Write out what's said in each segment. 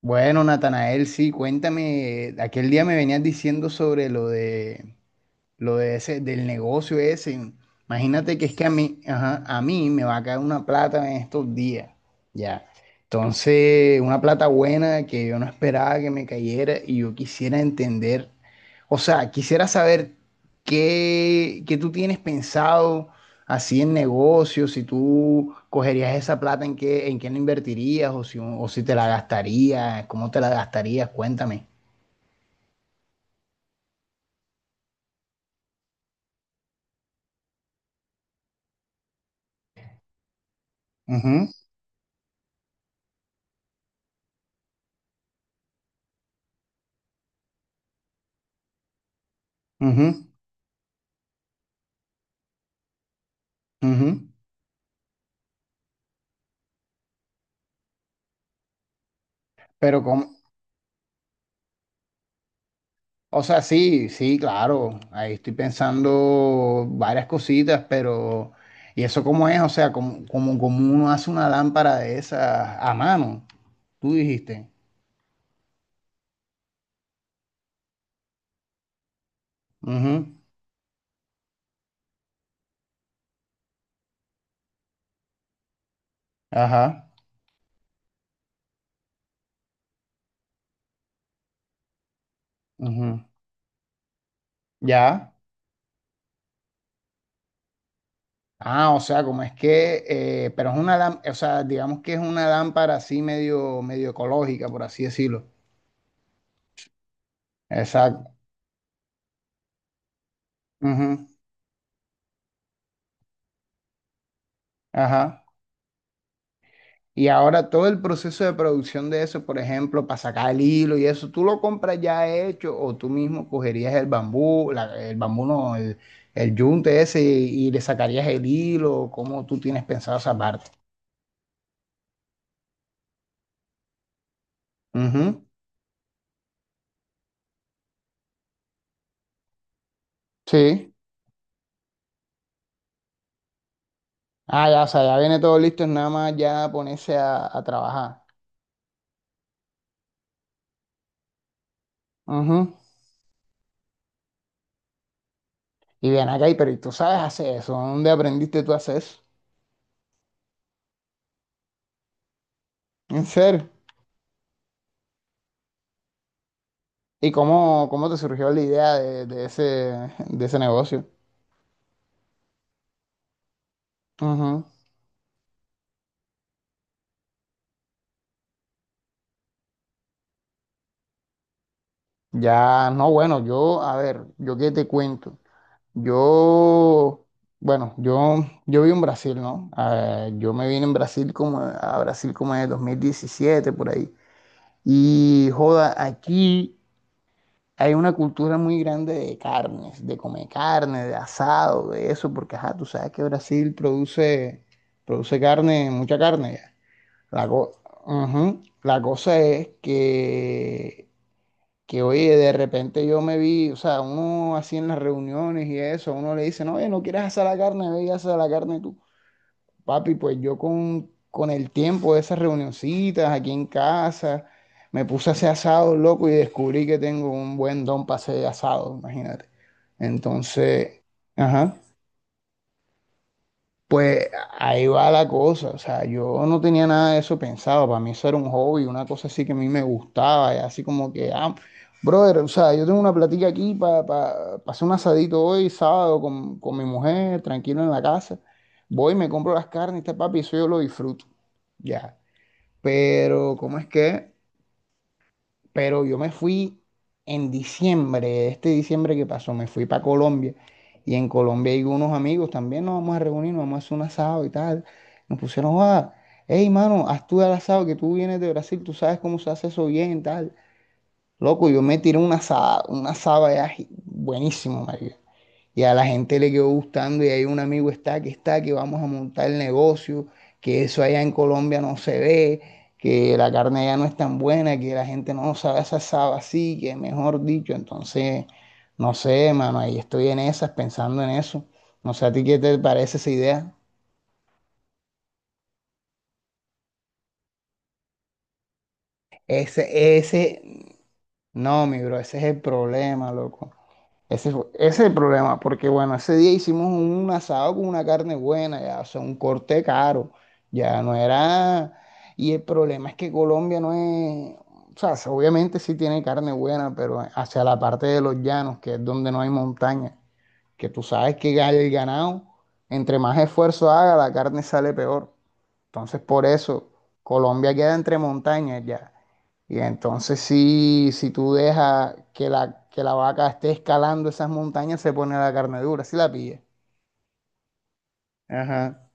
Bueno, Natanael, sí, cuéntame, aquel día me venías diciendo sobre lo de ese, del negocio ese. Imagínate que es que a mí, ajá, a mí me va a caer una plata en estos días, ya. Entonces, una plata buena que yo no esperaba que me cayera y yo quisiera entender, o sea, quisiera saber qué tú tienes pensado así en negocios, si tú cogerías esa plata, en qué la invertirías o si te la gastarías, cómo te la gastarías, cuéntame. Ujú, ujú, ujú. Pero, ¿cómo? O sea, sí, sí, claro. Ahí estoy pensando varias cositas, pero ¿y eso cómo es? O sea, como uno hace una lámpara de esas a mano, tú dijiste. Ujú. Ajá. Ujú. Ya. Ah, o sea, como es que, pero es una lámpara, o sea, digamos que es una lámpara así medio ecológica, por así decirlo. Exacto. Ujú. Ajá. Y ahora todo el proceso de producción de eso, por ejemplo, para sacar el hilo y eso, tú lo compras ya hecho o tú mismo cogerías el bambú, el bambú no, el yunte ese y le sacarías el hilo, ¿cómo tú tienes pensado esa parte? Ujú. Sí. Ah, ya, o sea, ya viene todo listo, es nada más ya ponerse a trabajar. Ujú. Y bien acá, y pero ¿y tú sabes hacer eso? ¿Dónde aprendiste tú a hacer eso? ¿En serio? ¿Y cómo, cómo te surgió la idea de ese, de ese negocio? Ujú. Ya, no, bueno, yo, a ver, yo qué te cuento. Yo, bueno, yo vivo en Brasil, ¿no? Yo me vine en Brasil como, a Brasil como en el 2017 por ahí. Y, joda, aquí hay una cultura muy grande de carnes, de comer carne, de asado, de eso, porque, ajá, tú sabes que Brasil produce, produce carne, mucha carne ya. La, co- Ujú. La cosa es que oye, de repente yo me vi, o sea, uno así en las reuniones y eso, uno le dice, no, oye, no quieres hacer la carne, ve y haces la carne tú. Papi, pues yo con el tiempo de esas reunioncitas aquí en casa, me puse a hacer asado, loco, y descubrí que tengo un buen don para hacer asado, imagínate. Entonces, ajá. Pues ahí va la cosa, o sea, yo no tenía nada de eso pensado, para mí eso era un hobby, una cosa así que a mí me gustaba, y así como que, ah, brother, o sea, yo tengo una platica aquí para hacer un asadito hoy, sábado, con mi mujer, tranquilo en la casa, voy, me compro las carnes, este papi, eso yo lo disfruto, ya, pero ¿cómo es que? Pero yo me fui en diciembre, este diciembre que pasó, me fui para Colombia y en Colombia hay unos amigos también, nos vamos a reunir, nos vamos a hacer un asado y tal. Nos pusieron, ah, hey mano, haz tú el asado que tú vienes de Brasil, tú sabes cómo se hace eso bien, tal. Loco, yo me tiré una asada allá buenísimo, marica. Y a la gente le quedó gustando y hay un amigo está que vamos a montar el negocio, que eso allá en Colombia no se ve, que la carne allá no es tan buena, que la gente no sabe esa asado así, que mejor dicho, entonces, no sé, mano, ahí estoy en esas, pensando en eso. No sé a ti qué te parece esa idea. Ese, ese, no, mi bro, ese es el problema, loco. Ese es el problema, porque bueno, ese día hicimos un asado con una carne buena, ya, o sea, un corte caro, ya no era... Y el problema es que Colombia no es... O sea, sí, obviamente sí tiene carne buena, pero hacia la parte de los llanos, que es donde no hay montaña, que tú sabes que el ganado, entre más esfuerzo haga, la carne sale peor. Entonces, por eso, Colombia queda entre montañas ya. Y entonces, si tú dejas que la vaca esté escalando esas montañas, se pone la carne dura, si la pilla. Ajá.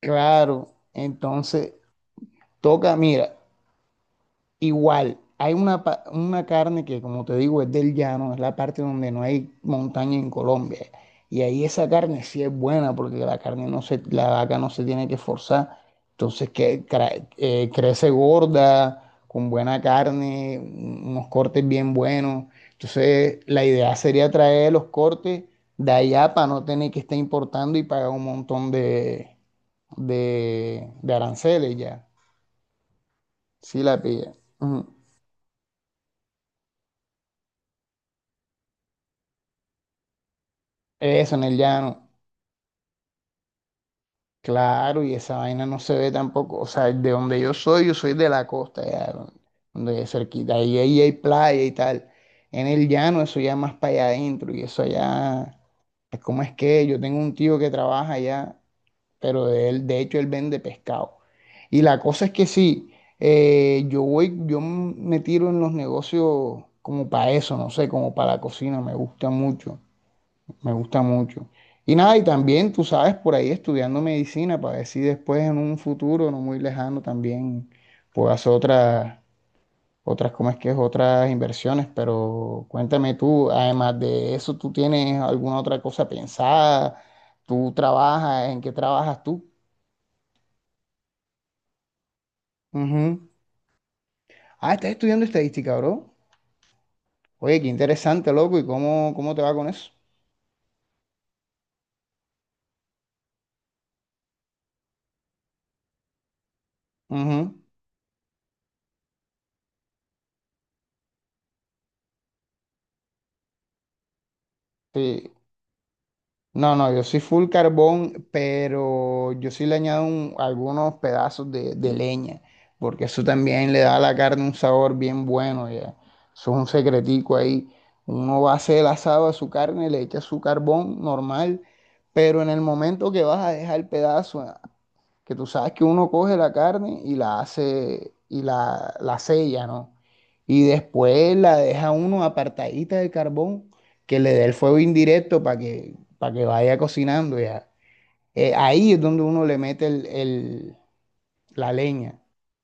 Claro, entonces, toca, mira. Igual, hay una, una carne que, como te digo, es del llano, es la parte donde no hay montaña en Colombia. Y ahí esa carne sí es buena porque la carne no se, la vaca no se tiene que forzar. Entonces que, crece gorda, con buena carne, unos cortes bien buenos. Entonces la idea sería traer los cortes de allá para no tener que estar importando y pagar un montón de aranceles ya. Sí la pilla. Ujú. Eso, en el llano. Claro, y esa vaina no se ve tampoco. O sea, de donde yo soy de la costa, ya, donde es cerquita. Ahí, ahí hay playa y tal. En el llano, eso ya más para allá adentro. Y eso allá, es como es que? Yo tengo un tío que trabaja allá, pero de él, de hecho, él vende pescado. Y la cosa es que sí, yo voy, me tiro en los negocios como para eso, no sé, como para la cocina, me gusta mucho. Me gusta mucho. Y nada, y también tú sabes, por ahí estudiando medicina para ver si después en un futuro no muy lejano también puedo hacer otras, otras, ¿cómo es que es? Otras inversiones. Pero cuéntame tú, además de eso, ¿tú tienes alguna otra cosa pensada? ¿Tú trabajas? ¿En qué trabajas tú? Ujú. Ah, estás estudiando estadística, bro. Oye, qué interesante, loco. ¿Y cómo, cómo te va con eso? Ujú. Sí. No, no, yo soy full carbón, pero yo sí le añado algunos pedazos de leña, porque eso también le da a la carne un sabor bien bueno, ya. Eso es un secretico ahí. Uno va a hacer el asado a su carne, le echa su carbón normal, pero en el momento que vas a dejar el pedazo que tú sabes que uno coge la carne y la hace y la sella, ¿no? Y después la deja uno apartadita del carbón, que le dé el fuego indirecto para que vaya cocinando ya. Ahí es donde uno le mete la leña,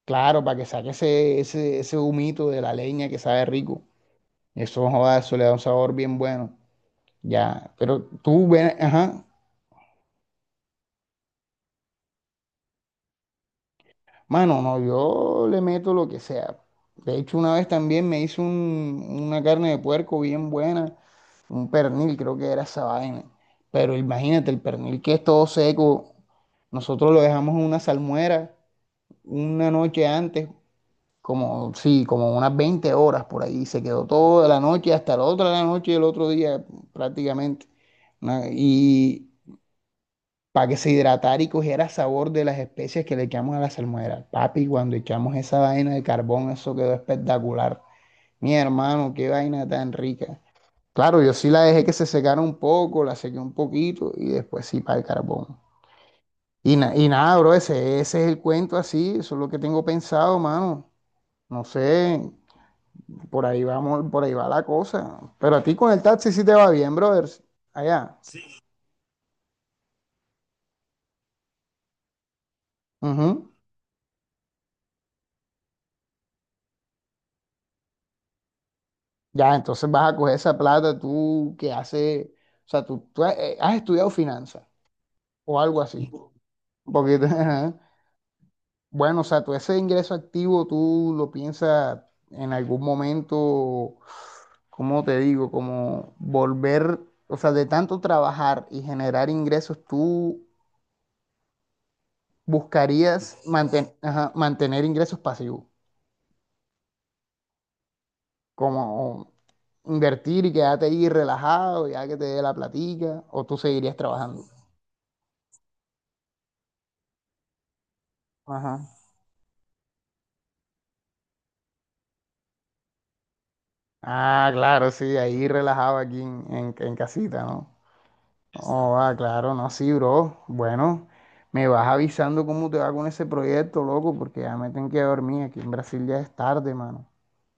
claro, para que saque ese humito de la leña que sabe rico. Eso, joda, eso le da un sabor bien bueno, ya. Pero tú ven, ajá. Mano, no, yo le meto lo que sea. De hecho, una vez también me hizo una carne de puerco bien buena, un pernil, creo que era esa vaina. Pero imagínate, el pernil que es todo seco, nosotros lo dejamos en una salmuera una noche antes, como, sí, como unas 20 horas por ahí. Se quedó toda la noche, hasta la otra la noche y el otro día prácticamente. Una- Y para que se hidratara y cogiera sabor de las especias que le echamos a la salmuera. Papi, cuando echamos esa vaina de carbón, eso quedó espectacular. Mi hermano, qué vaina tan rica. Claro, yo sí la dejé que se secara un poco, la sequé un poquito y después sí para el carbón. Y, y nada, bro, ese es el cuento así, eso es lo que tengo pensado, mano. No sé, por ahí vamos, por ahí va la cosa. Pero a ti con el taxi sí te va bien, brother. Allá. Sí, ujú. Ya, entonces vas a coger esa plata tú que hace, o sea, tú has, has estudiado finanzas o algo así. Porque, ajá. Bueno, o sea, tú ese ingreso activo tú lo piensas en algún momento, ¿cómo te digo? Como volver, o sea, de tanto trabajar y generar ingresos, tú buscarías mantener ingresos pasivos, como invertir y quedarte ahí relajado, ya que te dé la platica, o tú seguirías trabajando. Ah, claro, sí, ahí relajado aquí en, en casita, ¿no? Oh, ah, claro, no, sí, bro. Bueno, me vas avisando cómo te va con ese proyecto, loco, porque ya me tengo que dormir. Aquí en Brasil ya es tarde, mano.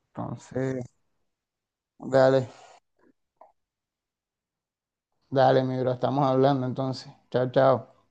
Entonces, dale, dale, mi bro, estamos hablando entonces. Chao, chao.